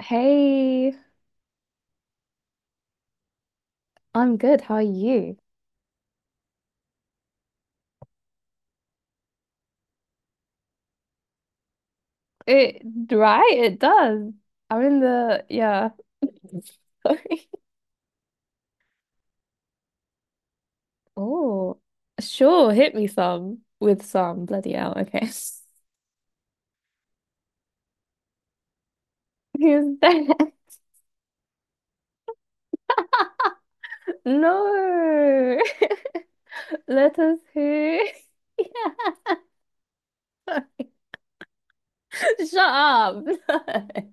Hey, I'm good. How are you? It, right, it does. I'm in the, yeah. Sorry. Oh, sure. Hit me some with some. Bloody hell. Okay. Who's there? No. Let us who? Yeah. Shut up. No.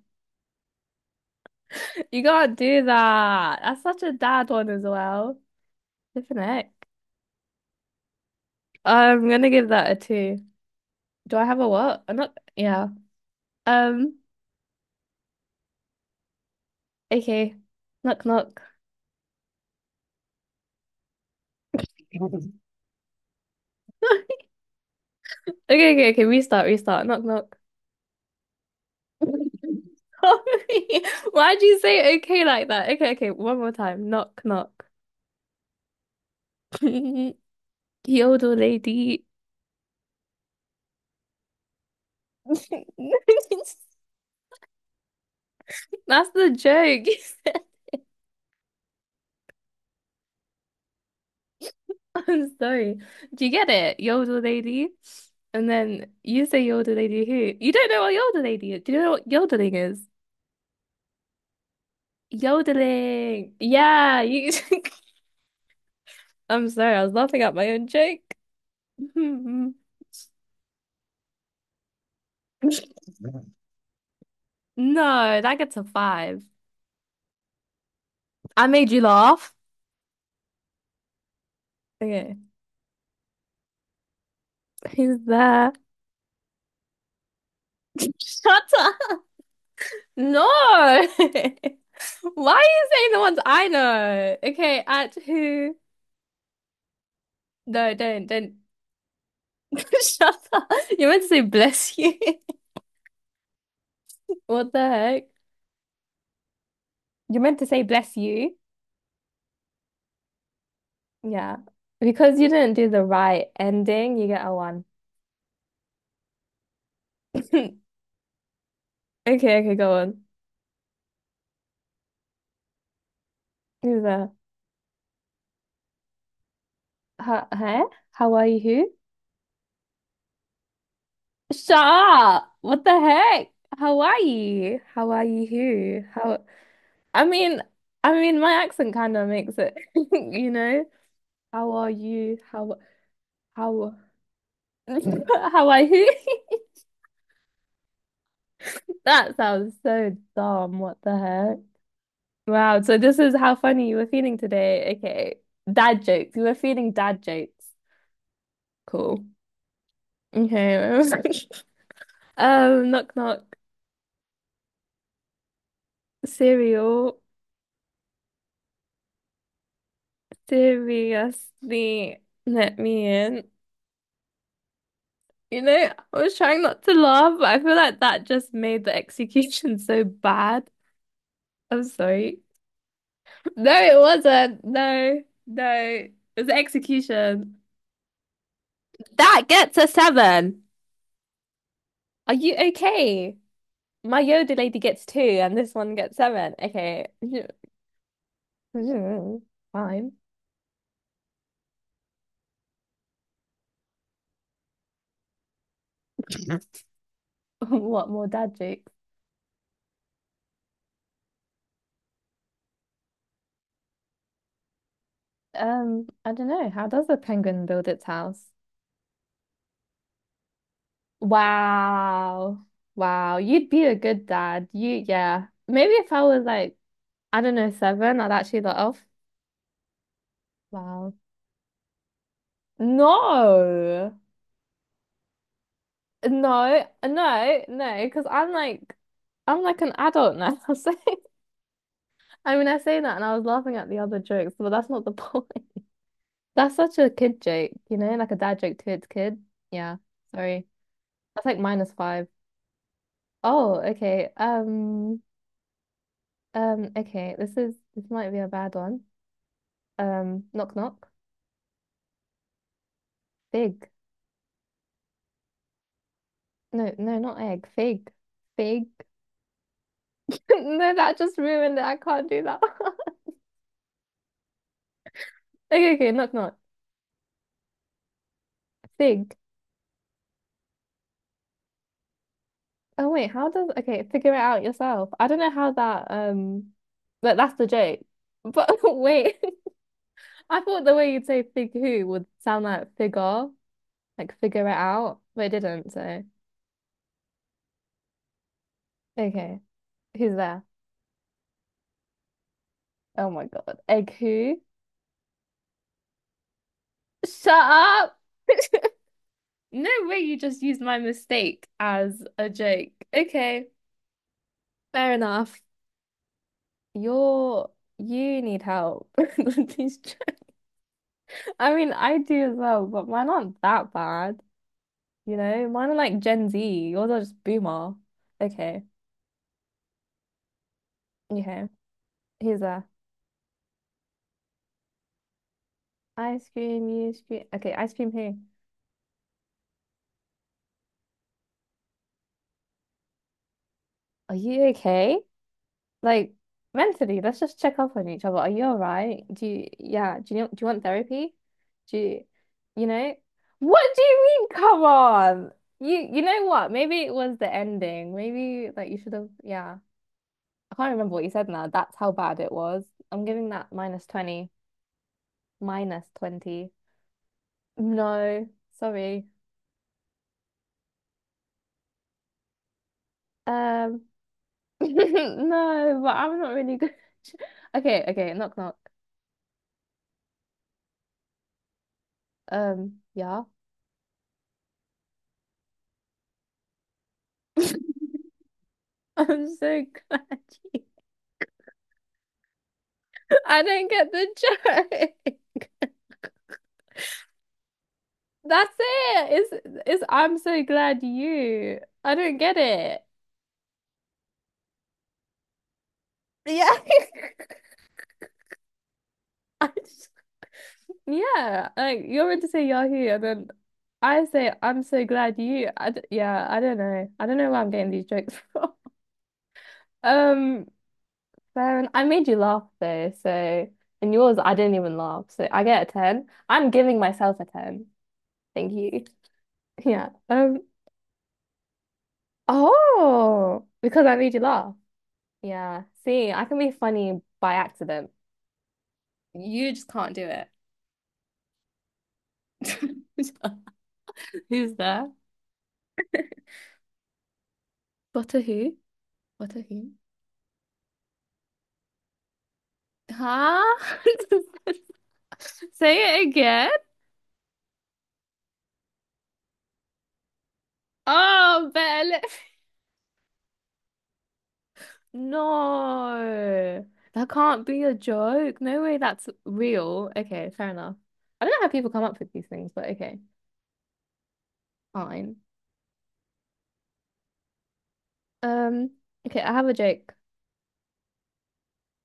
You can't do that. That's such a dad one as well. Different heck. I'm gonna give that a two. Do I have a what? I'm not, yeah. Um, Okay. Knock knock. Okay, okay, okay. Restart, restart. Knock knock. Sorry. Why'd you say okay like that? Okay, okay. One more time. Knock knock. The old lady. That's the joke. You said- I'm sorry. Do you get it? Yodel lady. And then you say yodel lady who? You don't know what yodel lady is. Do you know what yodeling is? Yodeling. Yeah, you I'm sorry, I was laughing at my own joke. Mhm. No, that gets a five. I made you laugh. Okay. Who's there? Shut up. No. Why are you saying the ones I know? Okay, at who? No, don't. Shut up. You're meant to say bless you. What the heck? You're meant to say bless you. Yeah. Because you didn't do the right ending, you get a one. Okay, okay, go on. Who's there? Huh? Huh? How are you? Who? Stop! What the heck? Hawaii. Hawaii who? How I mean I mean my accent kind of makes it, you know? How are you? How Hawaii who? That sounds so dumb. What the heck? Wow, so this is how funny you were feeling today. Okay. Dad jokes. You were feeling dad jokes. Cool. Okay. Knock knock. Cereal. Seriously, let me in. You know, I was trying not to laugh, but I feel like that just made the execution so bad. I'm sorry. No, it wasn't. No, no. It was the execution. That gets a seven. Are you okay? My Yoda lady gets two, and this one gets seven. Okay. Fine. What more dad jokes? I don't know. How does a penguin build its house? Wow. Wow. You'd be a good dad. You, yeah. Maybe if I was like, I don't know, seven, I'd actually let off. Wow. No. No, no, no, because I'm like an adult now. So, I mean, I say that and I was laughing at the other jokes, but that's not the point. That's such a kid joke, you know, like a dad joke to its kid. Yeah. Sorry. That's like minus five. Oh, okay. Okay. This might be a bad one. Knock knock. Fig. No, no, not egg. Fig. Fig. No, that just ruined it. I can't do that. Okay, okay, knock knock. Fig. Oh wait, how does okay, figure it out yourself. I don't know how that but that's the joke. But wait, I thought the way you'd say fig who would sound like figure it out, but it didn't, so okay. Who's there? Oh my God. Egg who? Shut up! No way, you just used my mistake as a joke. Okay, fair enough. You're you need help with these jo- I mean, I do as well, but mine aren't that bad. You know, mine are like Gen Z. Yours are just boomer. Okay, okay. Here's a ice cream. You scream. Okay, ice cream here. Are you okay? Like mentally, let's just check up on each other. Are you all right? Do you, yeah, do you want therapy? Do you, you know? What do you mean, come on? You know what? Maybe it was the ending. Maybe like you should have, yeah. I can't remember what you said now. That's how bad it was. I'm giving that minus 20. Minus 20. No, sorry. Um, no, but I'm not really good. Okay, okay, knock knock. Yeah. I'm so glad. You. I don't get the joke. That's it. It's I'm so glad you. I don't get it. Yeah. I just, yeah, like you're meant to say Yahoo, and then I say I'm so glad you. I d yeah, I don't know. I don't know where I'm getting these jokes from. Um, Baron, I made you laugh though, so and yours I didn't even laugh, so I get a ten. I'm giving myself a ten. Thank you. Yeah. Oh, because I made you laugh. Yeah. See, I can be funny by accident. You just can't do it. Who's there? Butter who? Butter who? Huh? Say it again. Oh, better no. That can't be a joke. No way that's real. Okay, fair enough. I don't know how people come up with these things, but okay, fine. Um, okay, I have a joke.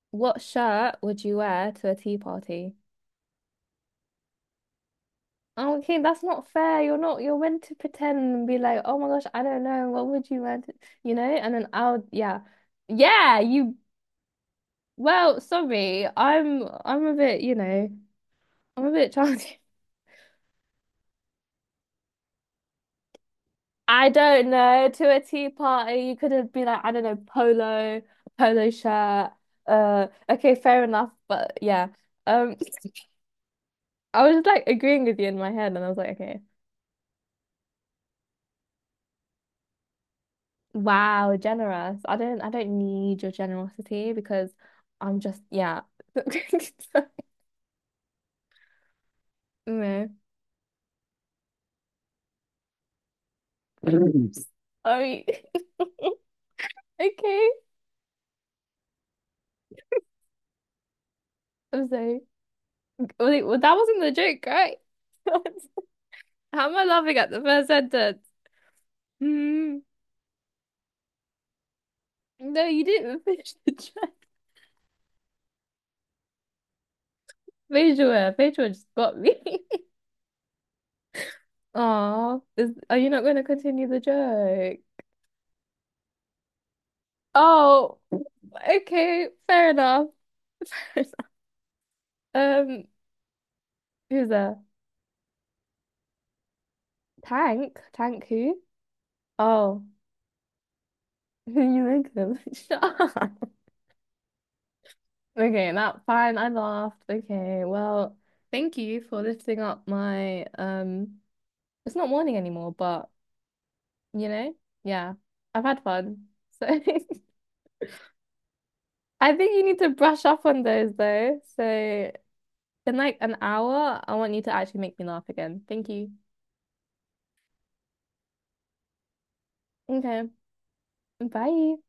What shirt would you wear to a tea party? Oh, okay, that's not fair. You're not, you're meant to pretend and be like, oh my gosh, I don't know. What would you want? To-" You know? And then I'll, yeah. Yeah, you, well, sorry. I'm a bit, you know, I'm a bit childish. I don't know. To a tea party, you could have been like, I don't know, polo, polo shirt. Okay, fair enough. But yeah. Um, I was like agreeing with you in my head and I was like, okay. Wow, generous. I don't need your generosity because I'm just yeah. No. Mm. Oh, okay. I'm sorry. Wait, well, that wasn't the joke, right? How am I laughing at the first sentence? Hmm. No, you didn't finish the joke. Facial hair just got me. Oh, is are you not going to continue the joke? Oh, okay, fair enough. Fair enough. Who's there? Tank? Tank who? Oh, you make them. Shut up. Okay, that fine. I laughed. Okay, well, thank you for lifting up my. It's not morning anymore, but you know, yeah, I've had fun. So I think you need to brush up on those though. So in like an hour, I want you to actually make me laugh again. Thank you. Okay, bye.